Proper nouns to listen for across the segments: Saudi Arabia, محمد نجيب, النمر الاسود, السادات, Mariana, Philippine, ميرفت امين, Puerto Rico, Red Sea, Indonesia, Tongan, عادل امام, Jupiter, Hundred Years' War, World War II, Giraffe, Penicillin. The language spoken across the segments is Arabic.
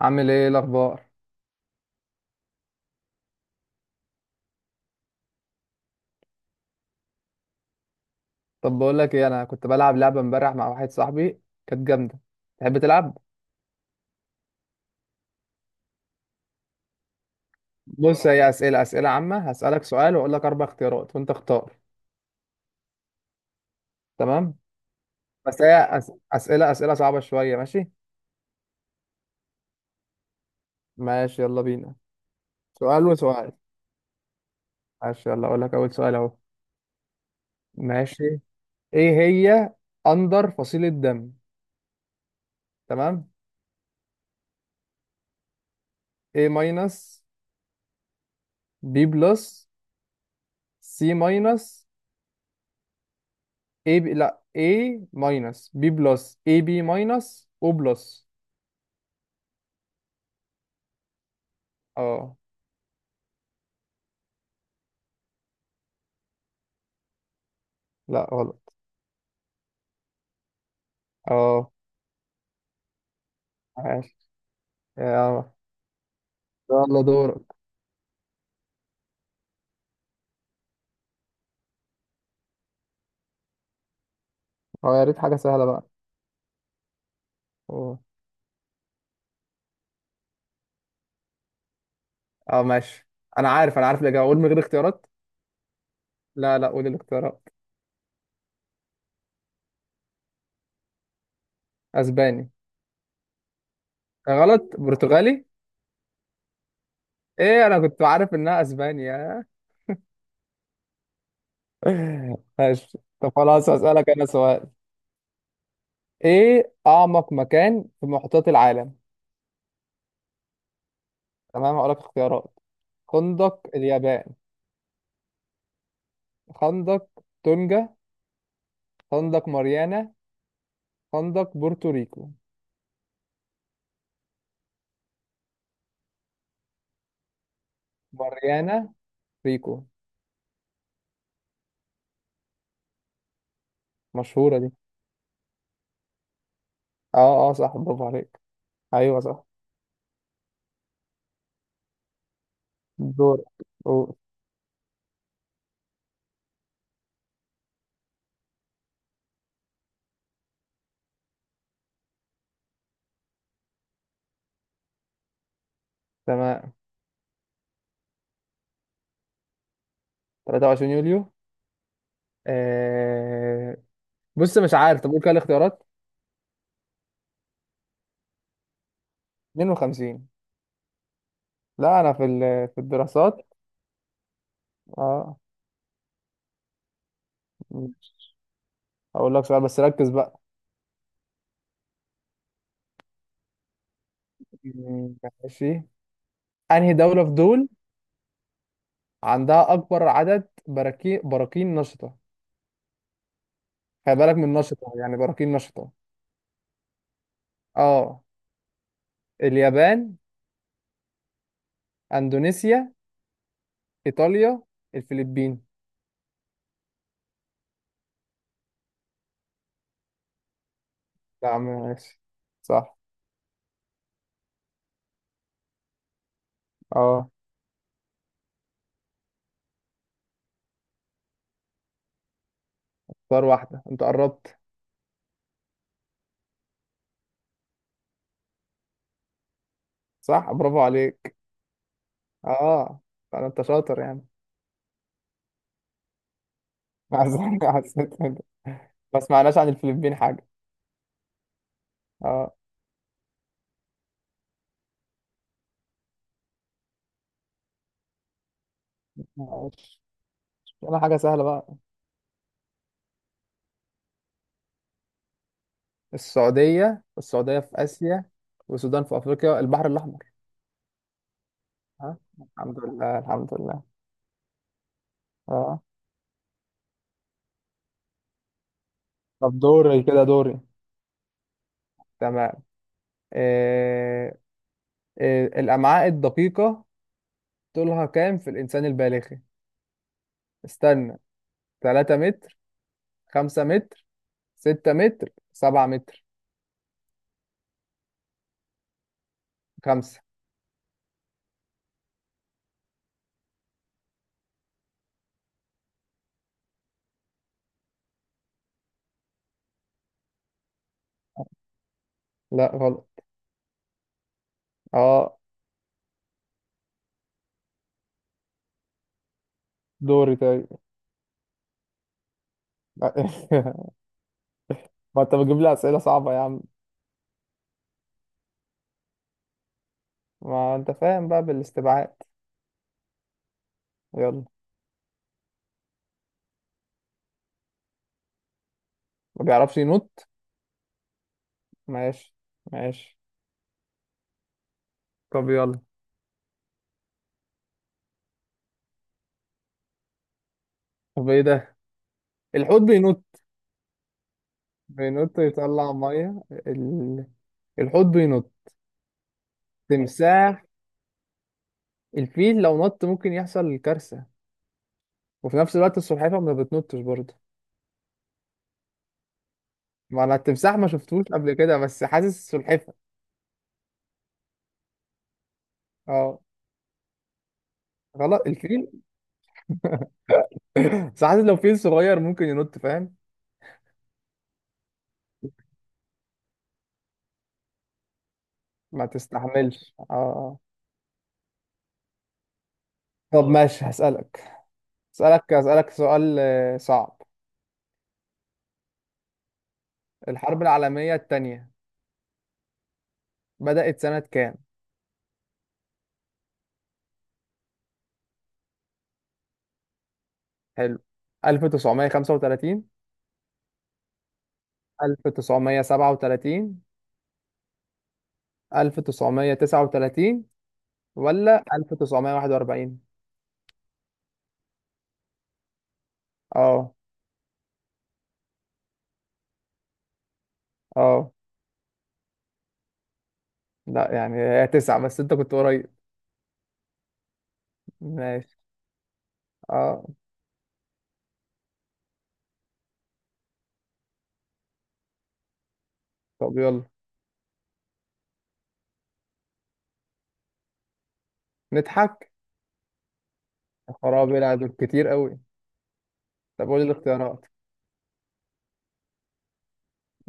عامل ايه الاخبار؟ طب بقول لك ايه، انا كنت بلعب لعبه امبارح مع واحد صاحبي، كانت جامده. تحب تلعب؟ بص، هي اسئله عامه. هسالك سؤال واقول لك اربع اختيارات وانت اختار. تمام، بس هي أس... اسئله اسئله صعبه شويه، ماشي؟ ماشي يلا بينا. سؤال وسؤال. ماشي يلا، اقول لك اول سؤال اهو. ماشي، ايه هي اندر فصيله دم؟ تمام. A ماينس، B بلس، C ماينس، A ب... لا A ماينس، B بلس، AB ماينس، O بلس. اه. لا غلط. اه ماشي. اه يلا دورك. أو يا ريت حاجة سهلة بقى. أوه. اه ماشي. انا عارف، انا عارف الاجابه، اقول من غير اختيارات؟ لا لا، قول الاختيارات. اسباني. غلط، برتغالي. ايه، انا كنت عارف انها اسبانيا. ماشي طب خلاص، هسألك انا سؤال. ايه اعمق مكان في محيطات العالم؟ تمام هقول لك اختيارات. خندق اليابان، خندق تونجا، خندق ماريانا، خندق بورتوريكو. ماريانا ريكو. مشهورة دي. اه اه، صح برافو عليك. ايوه صح. دور. أوه. تمام. 23 يوليو. آه... بص مش عارف، طب قول كده الاختيارات. 52. لا انا في في الدراسات. اه. ماشي، هقول لك سؤال بس ركز بقى. م- ماشي. انهي دولة في دول عندها اكبر عدد براكين نشطة؟ خلي بالك من نشطة، يعني براكين نشطة. اه، اليابان، اندونيسيا، ايطاليا، الفلبين. لا ماشي، صح. اه. اختار واحدة، انت قربت. صح برافو عليك. اه، انا انت شاطر يعني. حسيت كده. ما سمعناش عن الفلبين حاجة. اه ماشي. انا حاجة سهلة بقى. السعودية، والسعودية في آسيا، والسودان في أفريقيا، البحر الأحمر. ها. الحمد لله الحمد لله. اه، طب دوري كده، دوري. تمام. إيه، إيه الأمعاء الدقيقة طولها كام في الإنسان البالغي؟ استنى. 3 متر، 5 متر، 6 متر، 7 متر. 5. لا غلط. اه دوري طيب. ما انت بتجيب لي اسئله صعبه يا عم. ما انت فاهم بقى، بالاستبعاد. يلا. ما بيعرفش ينط. ماشي ماشي، طب يلا. طب ايه ده؟ الحوت بينط. بينط يطلع ميه الحوت بينط. تمساح. الفيل لو نط ممكن يحصل كارثه، وفي نفس الوقت السلحفاه ما بتنطش برضه. ما انا التمساح ما شفتوش قبل كده، بس حاسس السلحفاه. اه غلط، الفيل. بس حاسس لو فيل صغير ممكن ينط، فاهم. ما تستحملش. اه طب ماشي، هسألك سؤال صعب. الحرب العالمية التانية بدأت سنة كام؟ حلو. 1935، 1937، 1939، ولا 1941. اه. اه لا، يعني هي تسعة، بس انت كنت قريب. ماشي. اه. طب يلا. نضحك. يا خرابي، لا دول كتير قوي. طب قول الاختيارات.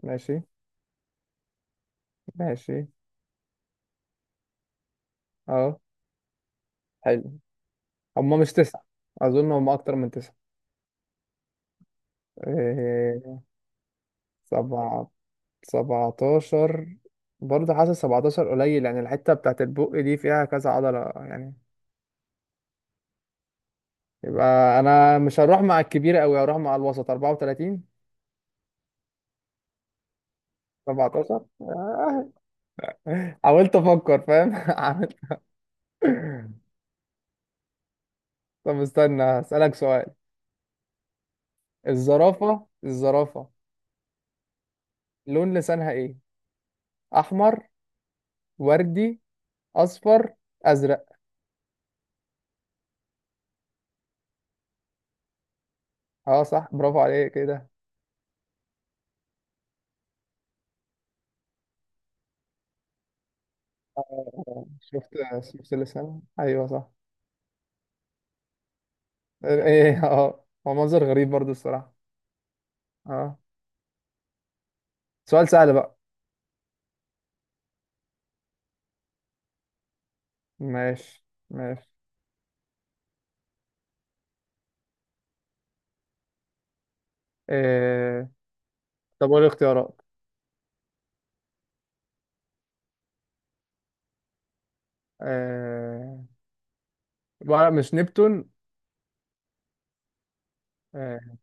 ماشي ماشي. اه حلو. هم مش تسعة. أظن هم أكتر من تسعة. إيه، سبعة، سبعتاشر، برضه حاسس سبعتاشر قليل، يعني الحتة بتاعت البق دي فيها كذا عضلة يعني. يبقى أنا مش هروح مع الكبيرة أوي، هروح مع الوسط، أربعة وتلاتين. سبعتاشر. حاولت أفكر فاهم. عملت. طب استنى أسألك سؤال. الزرافة الزرافة لون لسانها إيه؟ أحمر، وردي، أصفر، أزرق. أه صح برافو عليك كده. شفت، شفت اللسان، ايوه صح. ايه إيه، اه هو منظر غريب برضو الصراحه. اه. سؤال سهل بقى. ماشي ماشي. إيه... طب وايه الاختيارات؟ إيه... بقى مش نبتون. إيه...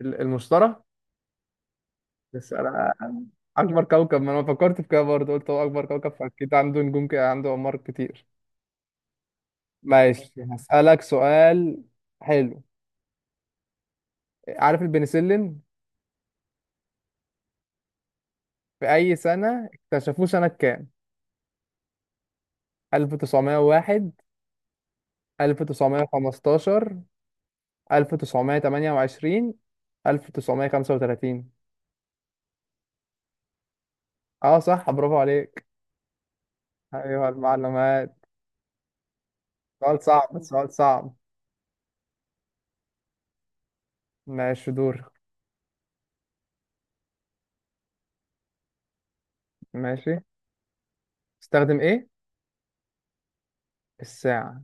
المشتري. بس انا، اكبر كوكب، ما انا فكرت في كده برضه، قلت هو اكبر كوكب فاكيد عنده نجوم كده، عنده اقمار كتير. ماشي هسألك سؤال. حلو. عارف البنسلين؟ في اي سنه اكتشفوه، سنه كام؟ 1901، 1915، 1928، 1935. اه صح برافو عليك. ايوه المعلومات. سؤال صعب سؤال صعب. ماشي دور. ماشي. استخدم ايه؟ الساعة.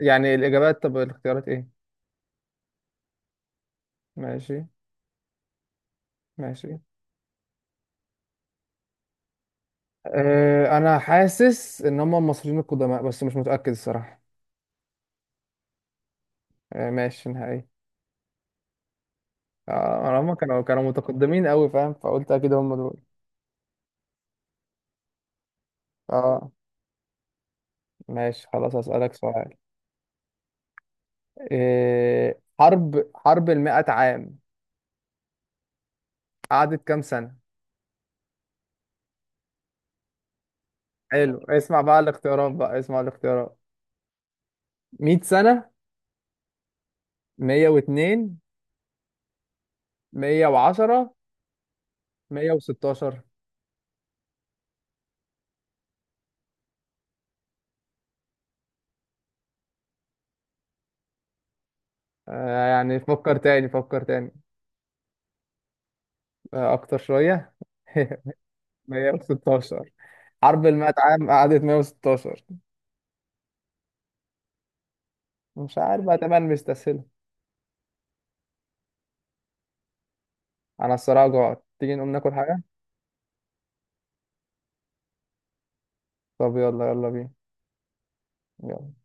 يعني الاجابات، طب الاختيارات ايه؟ ماشي ماشي. أه انا حاسس ان هم المصريين القدماء، بس مش متأكد الصراحة. أه ماشي نهائي. اه هم كانوا متقدمين قوي، فاهم؟ فقلت اكيد هم دول. اه ماشي خلاص اسألك سؤال. حرب المئة عام قعدت كام سنة؟ حلو اسمع بقى الاختيارات، بقى اسمع الاختيارات. 100 سنة، 102، 110، 116. آه يعني فكر تاني فكر تاني. آه أكتر شوية. 116. حرب المئة عام قعدت 116. مش عارف بقى، تمام مستسهلة. أنا الصراحة جوعت، تيجي نقوم ناكل حاجة؟ طب يلا، يلا بينا. يلا.